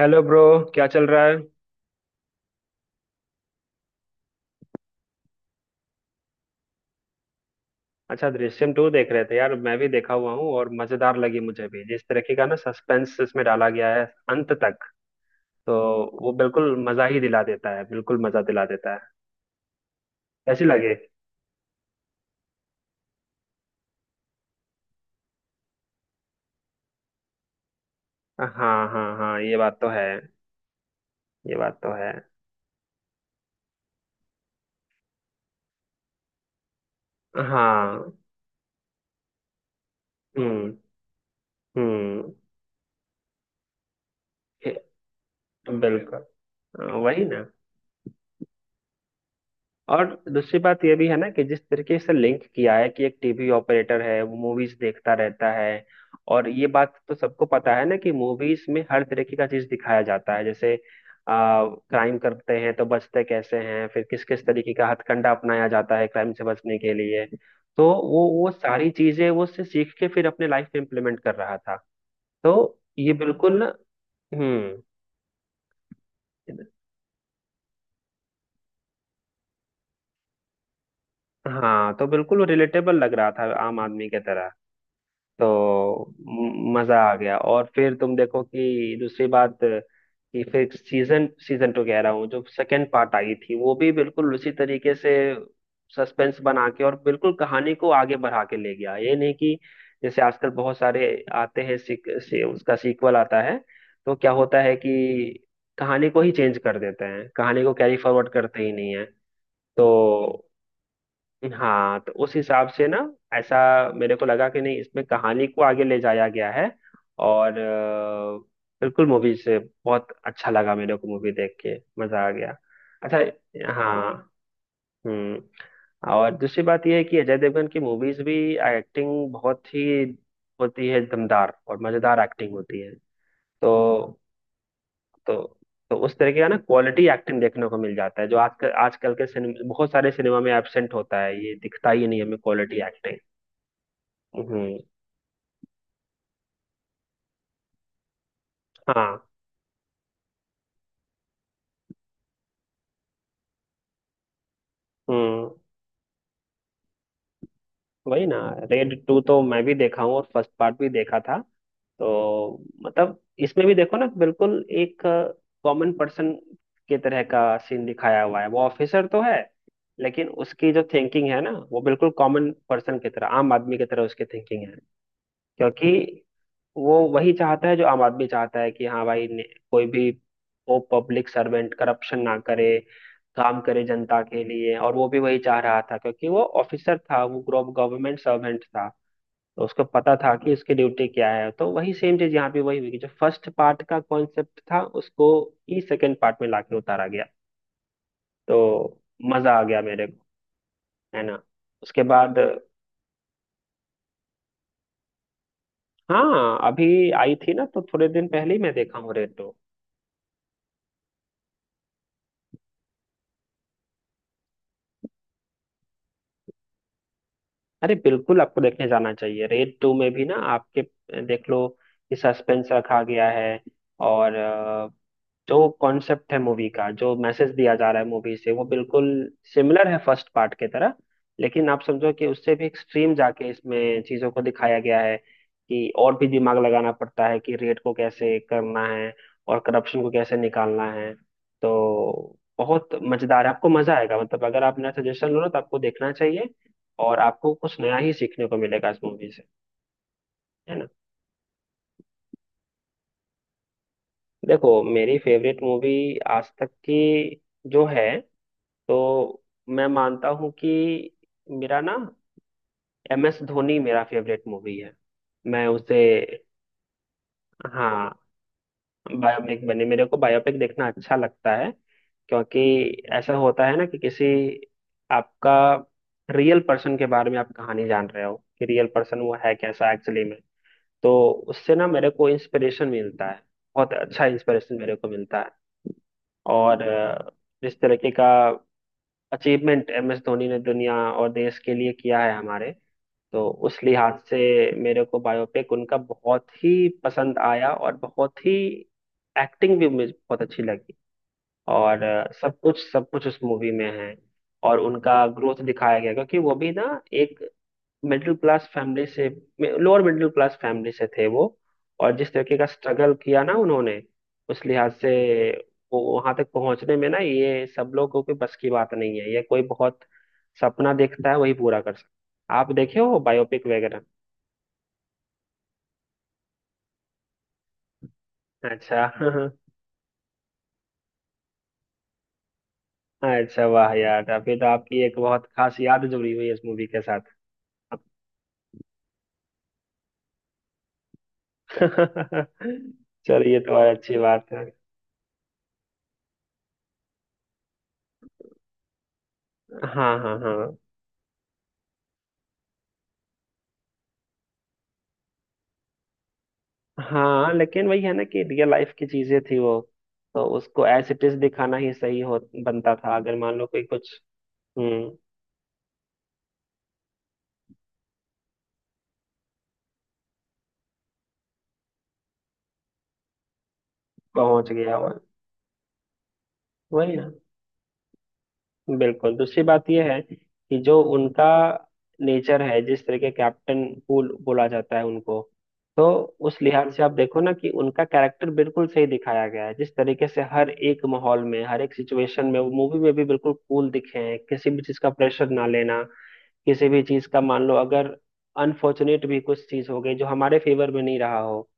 Hello bro. क्या चल रहा है? अच्छा, दृश्यम टू देख रहे थे यार। मैं भी देखा हुआ हूँ और मजेदार लगी मुझे भी। जिस तरीके का ना सस्पेंस इसमें डाला गया है अंत तक, तो वो बिल्कुल मजा ही दिला देता है, बिल्कुल मजा दिला देता है। कैसी लगे? हाँ, हाँ, हाँ, ये बात तो है। ये बात तो है। हाँ। हम्म। हम्म। बिल्कुल। हाँ, वही ना। और दूसरी बात यह भी है ना कि जिस तरीके से लिंक किया है कि एक टीवी ऑपरेटर है, वो मूवीज देखता रहता है। और ये बात तो सबको पता है ना कि मूवीज में हर तरीके का चीज दिखाया जाता है। जैसे क्राइम करते हैं तो बचते कैसे हैं, फिर किस किस तरीके का हथकंडा अपनाया जाता है क्राइम से बचने के लिए। तो वो सारी चीजें वो उससे सीख के फिर अपने लाइफ में इम्प्लीमेंट कर रहा था। तो ये बिल्कुल। हम्म हाँ, तो बिल्कुल रिलेटेबल लग रहा था आम आदमी के तरह। तो मजा आ गया। और फिर तुम देखो कि दूसरी बात कि फिर सीजन सीजन टू कह रहा हूँ, जो सेकंड पार्ट आई थी, वो भी बिल्कुल उसी तरीके से सस्पेंस बना के और बिल्कुल कहानी को आगे बढ़ा के ले गया। ये नहीं कि जैसे आजकल बहुत सारे आते हैं, उसका सीक्वल आता है तो क्या होता है कि कहानी को ही चेंज कर देते हैं, कहानी को कैरी फॉरवर्ड करते ही नहीं है। तो हाँ, तो उस हिसाब से ना, ऐसा मेरे को लगा कि नहीं, इसमें कहानी को आगे ले जाया गया है। और बिल्कुल, मूवी से बहुत अच्छा लगा मेरे को, मूवी देख के मजा आ गया। अच्छा। हाँ। हम्म। और दूसरी बात यह है कि अजय देवगन की मूवीज भी एक्टिंग बहुत ही होती है, दमदार और मजेदार एक्टिंग होती है। तो तो तो उस तरह का ना क्वालिटी एक्टिंग देखने को मिल जाता है, जो आजकल, आजकल के सिनेमा, बहुत सारे सिनेमा में एब्सेंट होता है। ये दिखता ही नहीं हमें क्वालिटी एक्टिंग। हम्म। हाँ। हम्म। वही ना। रेड टू तो मैं भी देखा हूँ और फर्स्ट पार्ट भी देखा था। तो मतलब, इसमें भी देखो ना, बिल्कुल एक कॉमन पर्सन के तरह का सीन दिखाया हुआ है। वो ऑफिसर तो है, लेकिन उसकी जो थिंकिंग है ना, वो बिल्कुल कॉमन पर्सन की तरह, आम आदमी की तरह उसकी थिंकिंग है। क्योंकि वो वही चाहता है जो आम आदमी चाहता है कि हाँ भाई कोई भी वो पब्लिक सर्वेंट करप्शन ना करे, काम करे जनता के लिए। और वो भी वही चाह रहा था, क्योंकि वो ऑफिसर था, वो गवर्नमेंट सर्वेंट था। तो उसको पता था कि उसकी ड्यूटी क्या है। तो वही सेम चीज यहाँ पे वही हुई कि जो फर्स्ट पार्ट का कॉन्सेप्ट था, उसको ही सेकेंड पार्ट में लाके उतारा गया। तो मजा आ गया मेरे को, है ना? उसके बाद, हाँ, अभी आई थी ना, तो थोड़े दिन पहले ही मैं देखा हूँ रेड। अरे, बिल्कुल आपको देखने जाना चाहिए। रेड टू में भी ना आपके, देख लो कि सस्पेंस रखा गया है। और जो कॉन्सेप्ट है मूवी का, जो मैसेज दिया जा रहा है मूवी से, वो बिल्कुल सिमिलर है फर्स्ट पार्ट के तरह। लेकिन आप समझो कि उससे भी एक्सट्रीम जाके इसमें चीजों को दिखाया गया है कि और भी दिमाग लगाना पड़ता है कि रेड को कैसे करना है और करप्शन को कैसे निकालना है। तो बहुत मजेदार है, आपको मजा आएगा। मतलब अगर आप मेरा सजेशन लो ना, तो आपको देखना चाहिए, और आपको कुछ नया ही सीखने को मिलेगा इस मूवी से। है ना? देखो, मेरी फेवरेट मूवी आज तक की जो है, तो मैं मानता हूँ कि मेरा ना, एम एस धोनी मेरा फेवरेट मूवी है। मैं उसे, हाँ, बायोपिक बने, मेरे को बायोपिक देखना अच्छा लगता है। क्योंकि ऐसा होता है ना कि किसी, आपका रियल पर्सन के बारे में आप कहानी जान रहे हो कि रियल पर्सन वो है कैसा एक्चुअली में। तो उससे ना मेरे को इंस्पिरेशन मिलता है, बहुत अच्छा इंस्पिरेशन मेरे को मिलता है। और जिस तरीके का अचीवमेंट एम एस धोनी ने दुनिया और देश के लिए किया है हमारे, तो उस लिहाज से मेरे को बायोपिक उनका बहुत ही पसंद आया, और बहुत ही एक्टिंग भी मुझे बहुत अच्छी लगी। और सब कुछ, सब कुछ उस मूवी में है। और उनका ग्रोथ दिखाया गया, क्योंकि वो भी ना एक मिडिल क्लास फैमिली से, लोअर मिडिल क्लास फैमिली से थे वो। और जिस तरीके का स्ट्रगल किया ना उन्होंने, उस लिहाज से वो वहां तक पहुंचने में ना, ये सब लोगों के बस की बात नहीं है। ये कोई बहुत सपना देखता है वही पूरा कर सकता है। आप देखे हो बायोपिक वगैरह? अच्छा। अच्छा, वाह यार, अभी तो आपकी एक बहुत खास याद जुड़ी हुई है इस मूवी के साथ। चलिए, तो और अच्छी बात है। हाँ, हाँ, हाँ। हाँ, लेकिन वही है ना कि रियल लाइफ की चीजें थी वो, तो उसको एज इट इज दिखाना ही सही हो, बनता था। अगर मान लो कोई कुछ, हम्म, पहुंच गया हो। वही ना, बिल्कुल। दूसरी बात यह है कि जो उनका नेचर है, जिस तरह के कैप्टन कूल बोला जाता है उनको, तो उस लिहाज से आप देखो ना कि उनका कैरेक्टर बिल्कुल सही दिखाया गया है। जिस तरीके से हर एक माहौल में, हर एक सिचुएशन में वो मूवी में भी बिल्कुल कूल दिखे हैं, किसी भी चीज का प्रेशर ना लेना, किसी भी चीज का मान लो अगर अनफॉर्चुनेट भी कुछ चीज हो गई जो हमारे फेवर में नहीं रहा हो,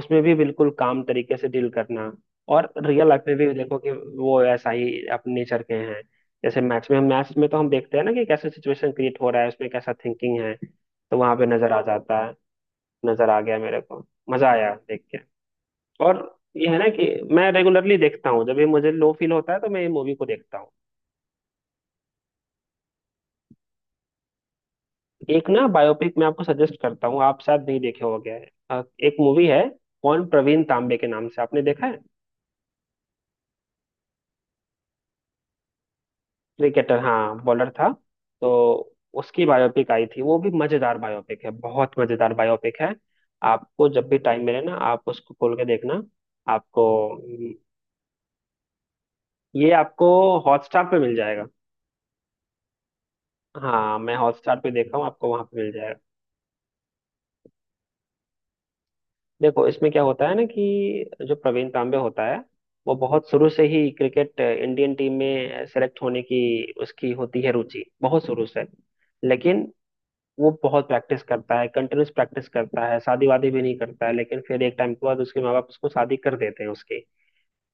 उसमें भी बिल्कुल काम तरीके से डील करना। और रियल लाइफ में भी देखो कि वो ऐसा ही अपने नेचर के हैं। जैसे मैच में तो हम देखते हैं ना कि कैसे सिचुएशन क्रिएट हो रहा है, उसमें कैसा थिंकिंग है, तो वहां पे नजर आ जाता है। नजर आ गया मेरे को, मजा आया देख के। और ये है ना कि मैं रेगुलरली देखता हूँ, जब भी मुझे लो फील होता है तो मैं ये मूवी को देखता हूँ। एक ना बायोपिक मैं आपको सजेस्ट करता हूँ, आप शायद नहीं देखे हो, गया है, एक मूवी है, कौन प्रवीण तांबे के नाम से। आपने देखा है? क्रिकेटर, हाँ, बॉलर था। तो उसकी बायोपिक आई थी, वो भी मजेदार बायोपिक है, बहुत मजेदार बायोपिक है। आपको जब भी टाइम मिले ना, आप उसको खोल के देखना। आपको, ये आपको हॉटस्टार पे मिल जाएगा। हाँ, मैं हॉटस्टार पे देखा हूँ, आपको वहां पे मिल जाएगा। देखो, इसमें क्या होता है ना कि जो प्रवीण तांबे होता है, वो बहुत शुरू से ही क्रिकेट इंडियन टीम में सेलेक्ट होने की, उसकी होती है रुचि बहुत शुरू से। लेकिन वो बहुत प्रैक्टिस करता है, कंटिन्यूस प्रैक्टिस करता है, शादी वादी भी नहीं करता है, लेकिन फिर एक टाइम के बाद उसके माँ बाप उसको शादी कर देते हैं उसकी।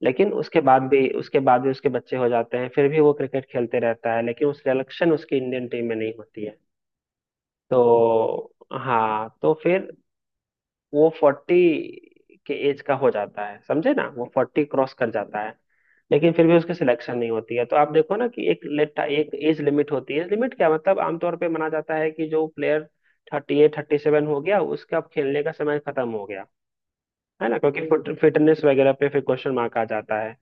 लेकिन उसके बाद भी, उसके बाद भी उसके बच्चे हो जाते हैं, फिर भी वो क्रिकेट खेलते रहता है, लेकिन उस सिलेक्शन उसकी इंडियन टीम में नहीं होती है। तो हाँ, तो फिर वो फोर्टी के एज का हो जाता है, समझे ना, वो फोर्टी क्रॉस कर जाता है। लेकिन फिर भी उसकी सिलेक्शन नहीं होती है। तो आप देखो ना कि एक लेट, एक एज लिमिट होती है। एज लिमिट क्या, मतलब आमतौर पे माना जाता है कि जो player thirty eight, thirty seven हो गया, उसका अब खेलने का समय खत्म हो गया, है ना, क्योंकि फिटनेस वगैरह पे फिर क्वेश्चन मार्क आ जाता है।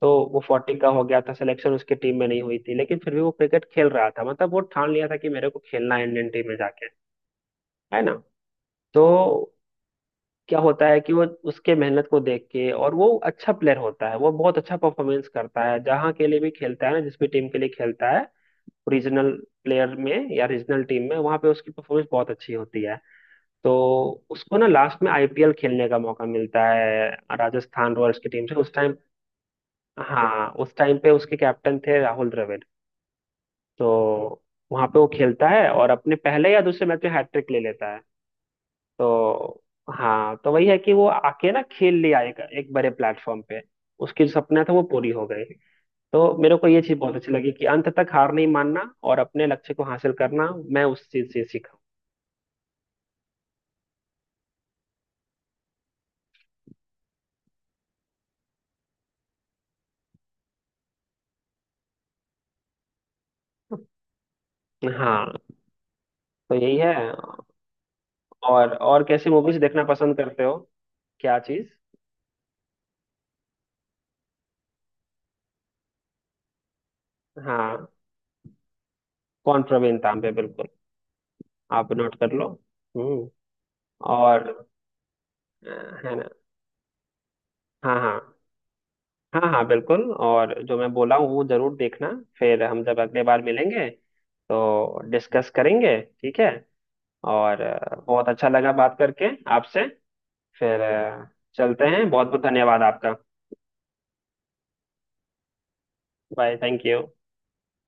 तो वो फोर्टी का हो गया था, सिलेक्शन उसकी टीम में नहीं हुई थी, लेकिन फिर भी वो क्रिकेट खेल रहा था। मतलब वो ठान लिया था कि मेरे को खेलना है इंडियन टीम में जाके, है ना। तो क्या होता है कि वो, उसके मेहनत को देख के, और वो अच्छा प्लेयर होता है, वो बहुत अच्छा परफॉर्मेंस करता है जहाँ के लिए भी खेलता है ना, जिस भी टीम के लिए खेलता है, रीजनल प्लेयर में या रीजनल टीम में, वहाँ पे उसकी परफॉर्मेंस बहुत अच्छी होती है। तो उसको ना लास्ट में आईपीएल खेलने का मौका मिलता है, राजस्थान रॉयल्स की टीम से उस टाइम। हाँ, उस टाइम पे उसके कैप्टन थे राहुल द्रविड़। तो वहाँ पे वो खेलता है और अपने पहले या दूसरे मैच में हैट्रिक ले लेता है। तो हाँ, तो वही है कि वो आके ना खेल ले आएगा एक बड़े प्लेटफॉर्म पे, उसकी जो सपना था वो पूरी हो गई। तो मेरे को ये चीज बहुत अच्छी लगी कि अंत तक हार नहीं मानना और अपने लक्ष्य को हासिल करना, मैं उस चीज से सीखा। हाँ, तो यही है। और कैसी मूवीज देखना पसंद करते हो? क्या चीज? हाँ, कौन प्रवीण तांबे, बिल्कुल। आप नोट कर लो। हम्म। और अ, है ना? हाँ, हाँ, हाँ। हाँ, बिल्कुल, और जो मैं बोला हूँ वो जरूर देखना। फिर हम जब अगले बार मिलेंगे तो डिस्कस करेंगे, ठीक है? और बहुत अच्छा लगा बात करके आपसे। फिर चलते हैं, बहुत बहुत धन्यवाद आपका। Bye, thank you.